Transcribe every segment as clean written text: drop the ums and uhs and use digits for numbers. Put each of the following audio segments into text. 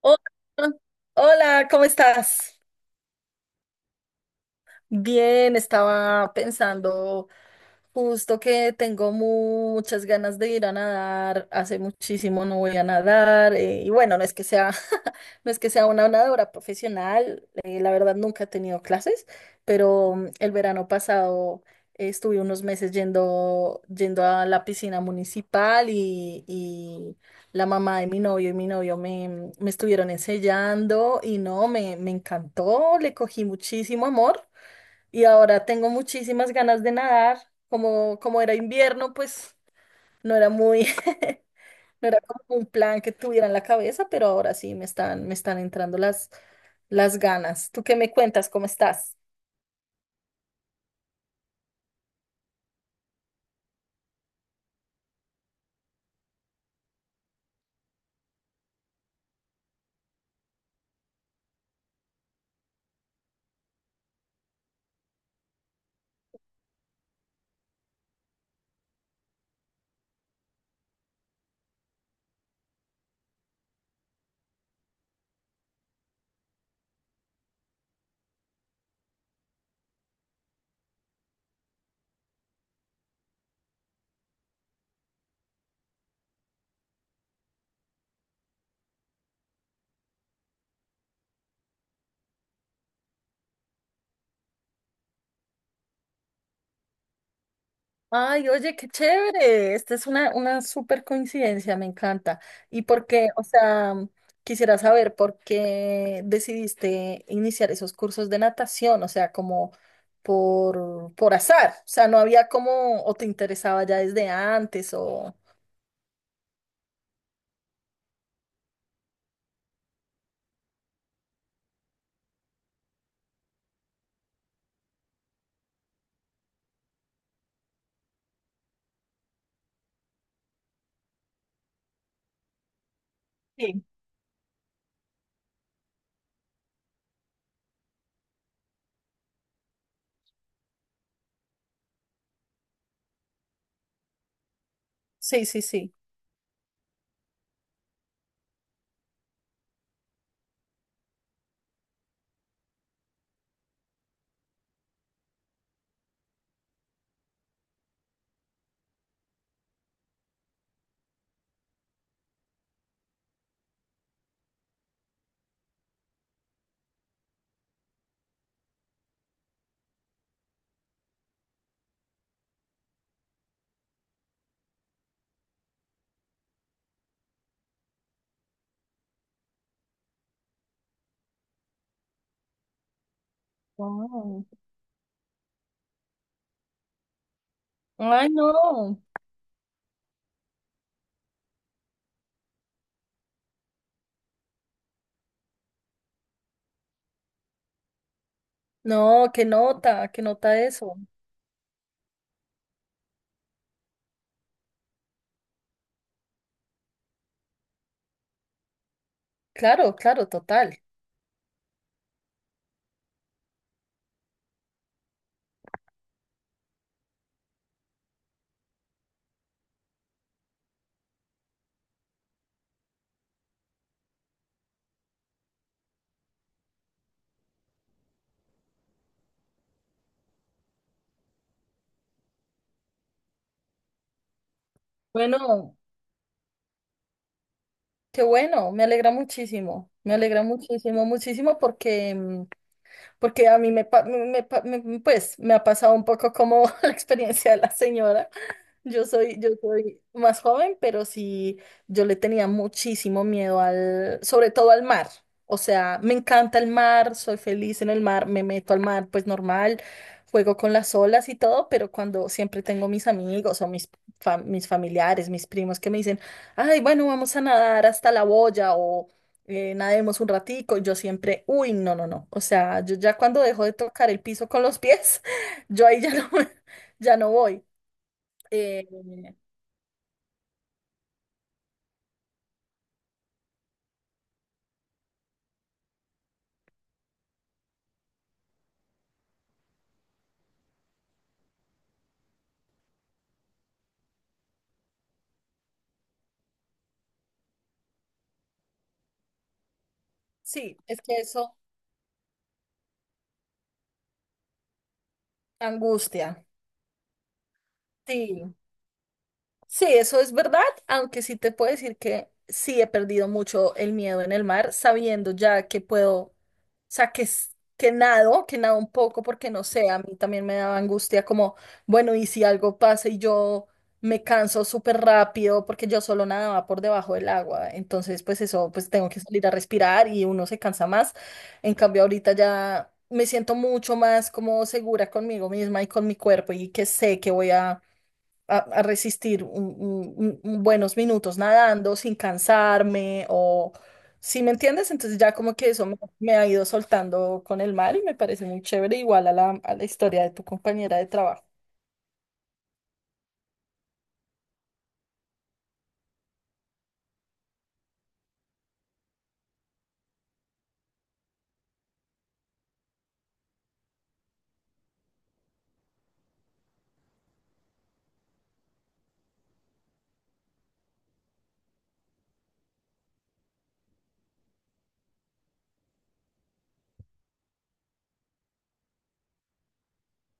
Hola, hola, ¿cómo estás? Bien, estaba pensando justo que tengo muchas ganas de ir a nadar, hace muchísimo no voy a nadar, y bueno, no es que sea, no es que sea una nadadora profesional, la verdad nunca he tenido clases, pero el verano pasado estuve unos meses yendo, a la piscina municipal y la mamá de mi novio y mi novio me, me estuvieron enseñando y no, me encantó, le cogí muchísimo amor y ahora tengo muchísimas ganas de nadar. Como era invierno, pues no era muy, no era como un plan que tuviera en la cabeza, pero ahora sí me están entrando las ganas. ¿Tú qué me cuentas? ¿Cómo estás? Ay, oye, qué chévere. Esta es una súper coincidencia, me encanta. ¿Y por qué? O sea, quisiera saber por qué decidiste iniciar esos cursos de natación, o sea, como por azar. O sea, no había como, o te interesaba ya desde antes, o... Sí, sí, sí, sí. Wow. Ay, no. No, qué nota eso. Claro, claro, total. Bueno. Qué bueno, me alegra muchísimo, muchísimo porque, mm, porque a mí me, pa- me, pa- me- pues, me ha pasado un poco como la experiencia de la señora. Yo soy más joven, pero sí, yo le tenía muchísimo miedo al, sobre todo al mar. O sea, me encanta el mar, soy feliz en el mar, me meto al mar, pues normal, juego con las olas y todo, pero cuando siempre tengo mis amigos o mis, mis familiares, mis primos que me dicen, ay, bueno, vamos a nadar hasta la boya o nademos un ratico, y yo siempre, uy, no, no, no. O sea, yo ya cuando dejo de tocar el piso con los pies, yo ahí ya no, ya no voy. Eh, Sí, es que eso angustia. Sí, sí, eso es verdad, aunque sí te puedo decir que sí he perdido mucho el miedo en el mar, sabiendo ya que puedo, o sea, que nado un poco, porque no sé, a mí también me daba angustia como, bueno, y si algo pasa y yo me canso súper rápido, porque yo solo nadaba por debajo del agua, entonces pues eso, pues tengo que salir a respirar y uno se cansa más. En cambio, ahorita ya me siento mucho más como segura conmigo misma y con mi cuerpo y que sé que voy a a resistir buenos minutos nadando sin cansarme o si me entiendes, entonces ya como que eso me, me ha ido soltando con el mar y me parece muy chévere, igual a a la historia de tu compañera de trabajo.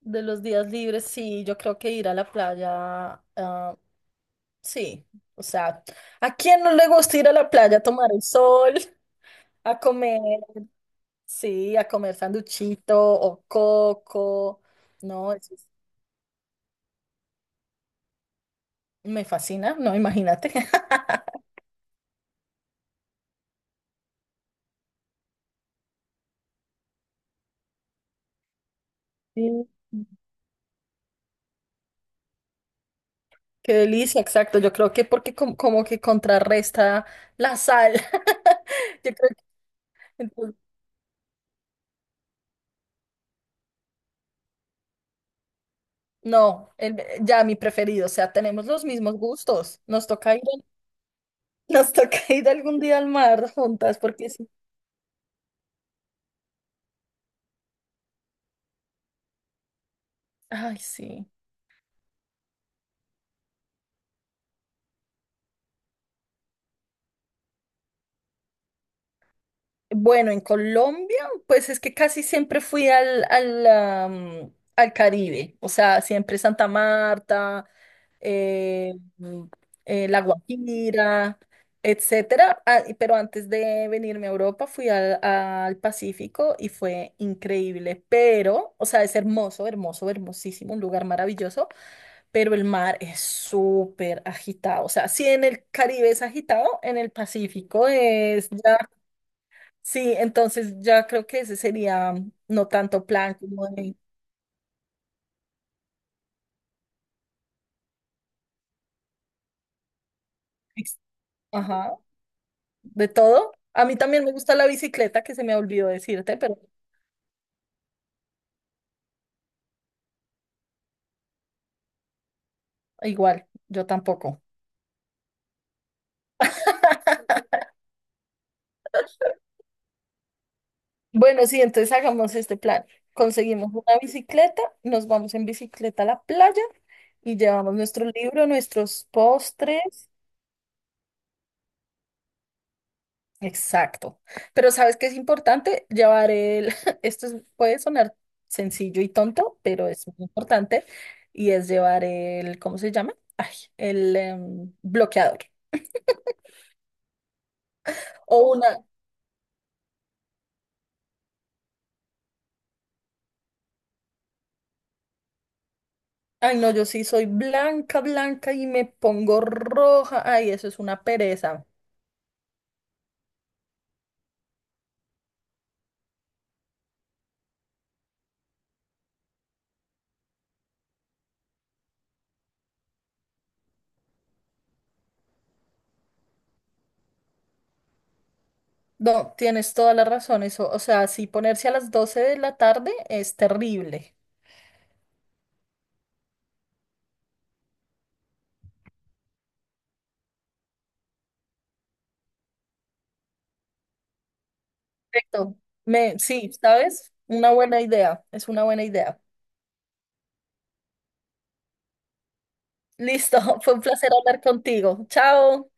De los días libres, sí, yo creo que ir a la playa, ah, sí, o sea, ¿a quién no le gusta ir a la playa a tomar el sol, a comer, sí, a comer sanduchito o coco? No, eso es- me fascina, no, imagínate. Sí. Qué delicia, exacto. Yo creo que porque como que contrarresta la sal. Yo creo que entonces, no, el- ya mi preferido. O sea, tenemos los mismos gustos. Nos toca ir, nos toca ir algún día al mar juntas, porque sí. Ay, sí. Bueno, en Colombia, pues es que casi siempre fui al Caribe. O sea, siempre Santa Marta. eh, mm, La Guajira, etcétera. Ah, pero antes de venirme a Europa fui al Pacífico y fue increíble. Pero, o sea, es hermoso, hermoso, hermosísimo, un lugar maravilloso, pero el mar es súper agitado. O sea, si en el Caribe es agitado, en el Pacífico es ya, sí, entonces ya creo que ese sería mm, no tanto plan como de, ex- ajá, de todo. A mí también me gusta la bicicleta, que se me olvidó decirte, pero igual, yo tampoco. Bueno, sí, entonces hagamos este plan. Conseguimos una bicicleta, nos vamos en bicicleta a la playa y llevamos nuestro libro, nuestros postres. Exacto. Pero ¿sabes qué es importante? Llevar el... esto es- puede sonar sencillo y tonto, pero es muy importante. Y es llevar el... ¿Cómo se llama? Ay, bloqueador. O una... Ay, no, yo sí soy blanca, blanca y me pongo roja. Ay, eso es una pereza. No, tienes toda la razón, eso, o sea, si ponerse a las 12 de la tarde es terrible. Perfecto. Me, sí, ¿sabes? Una buena idea, es una buena idea. Listo, fue un placer hablar contigo. Chao.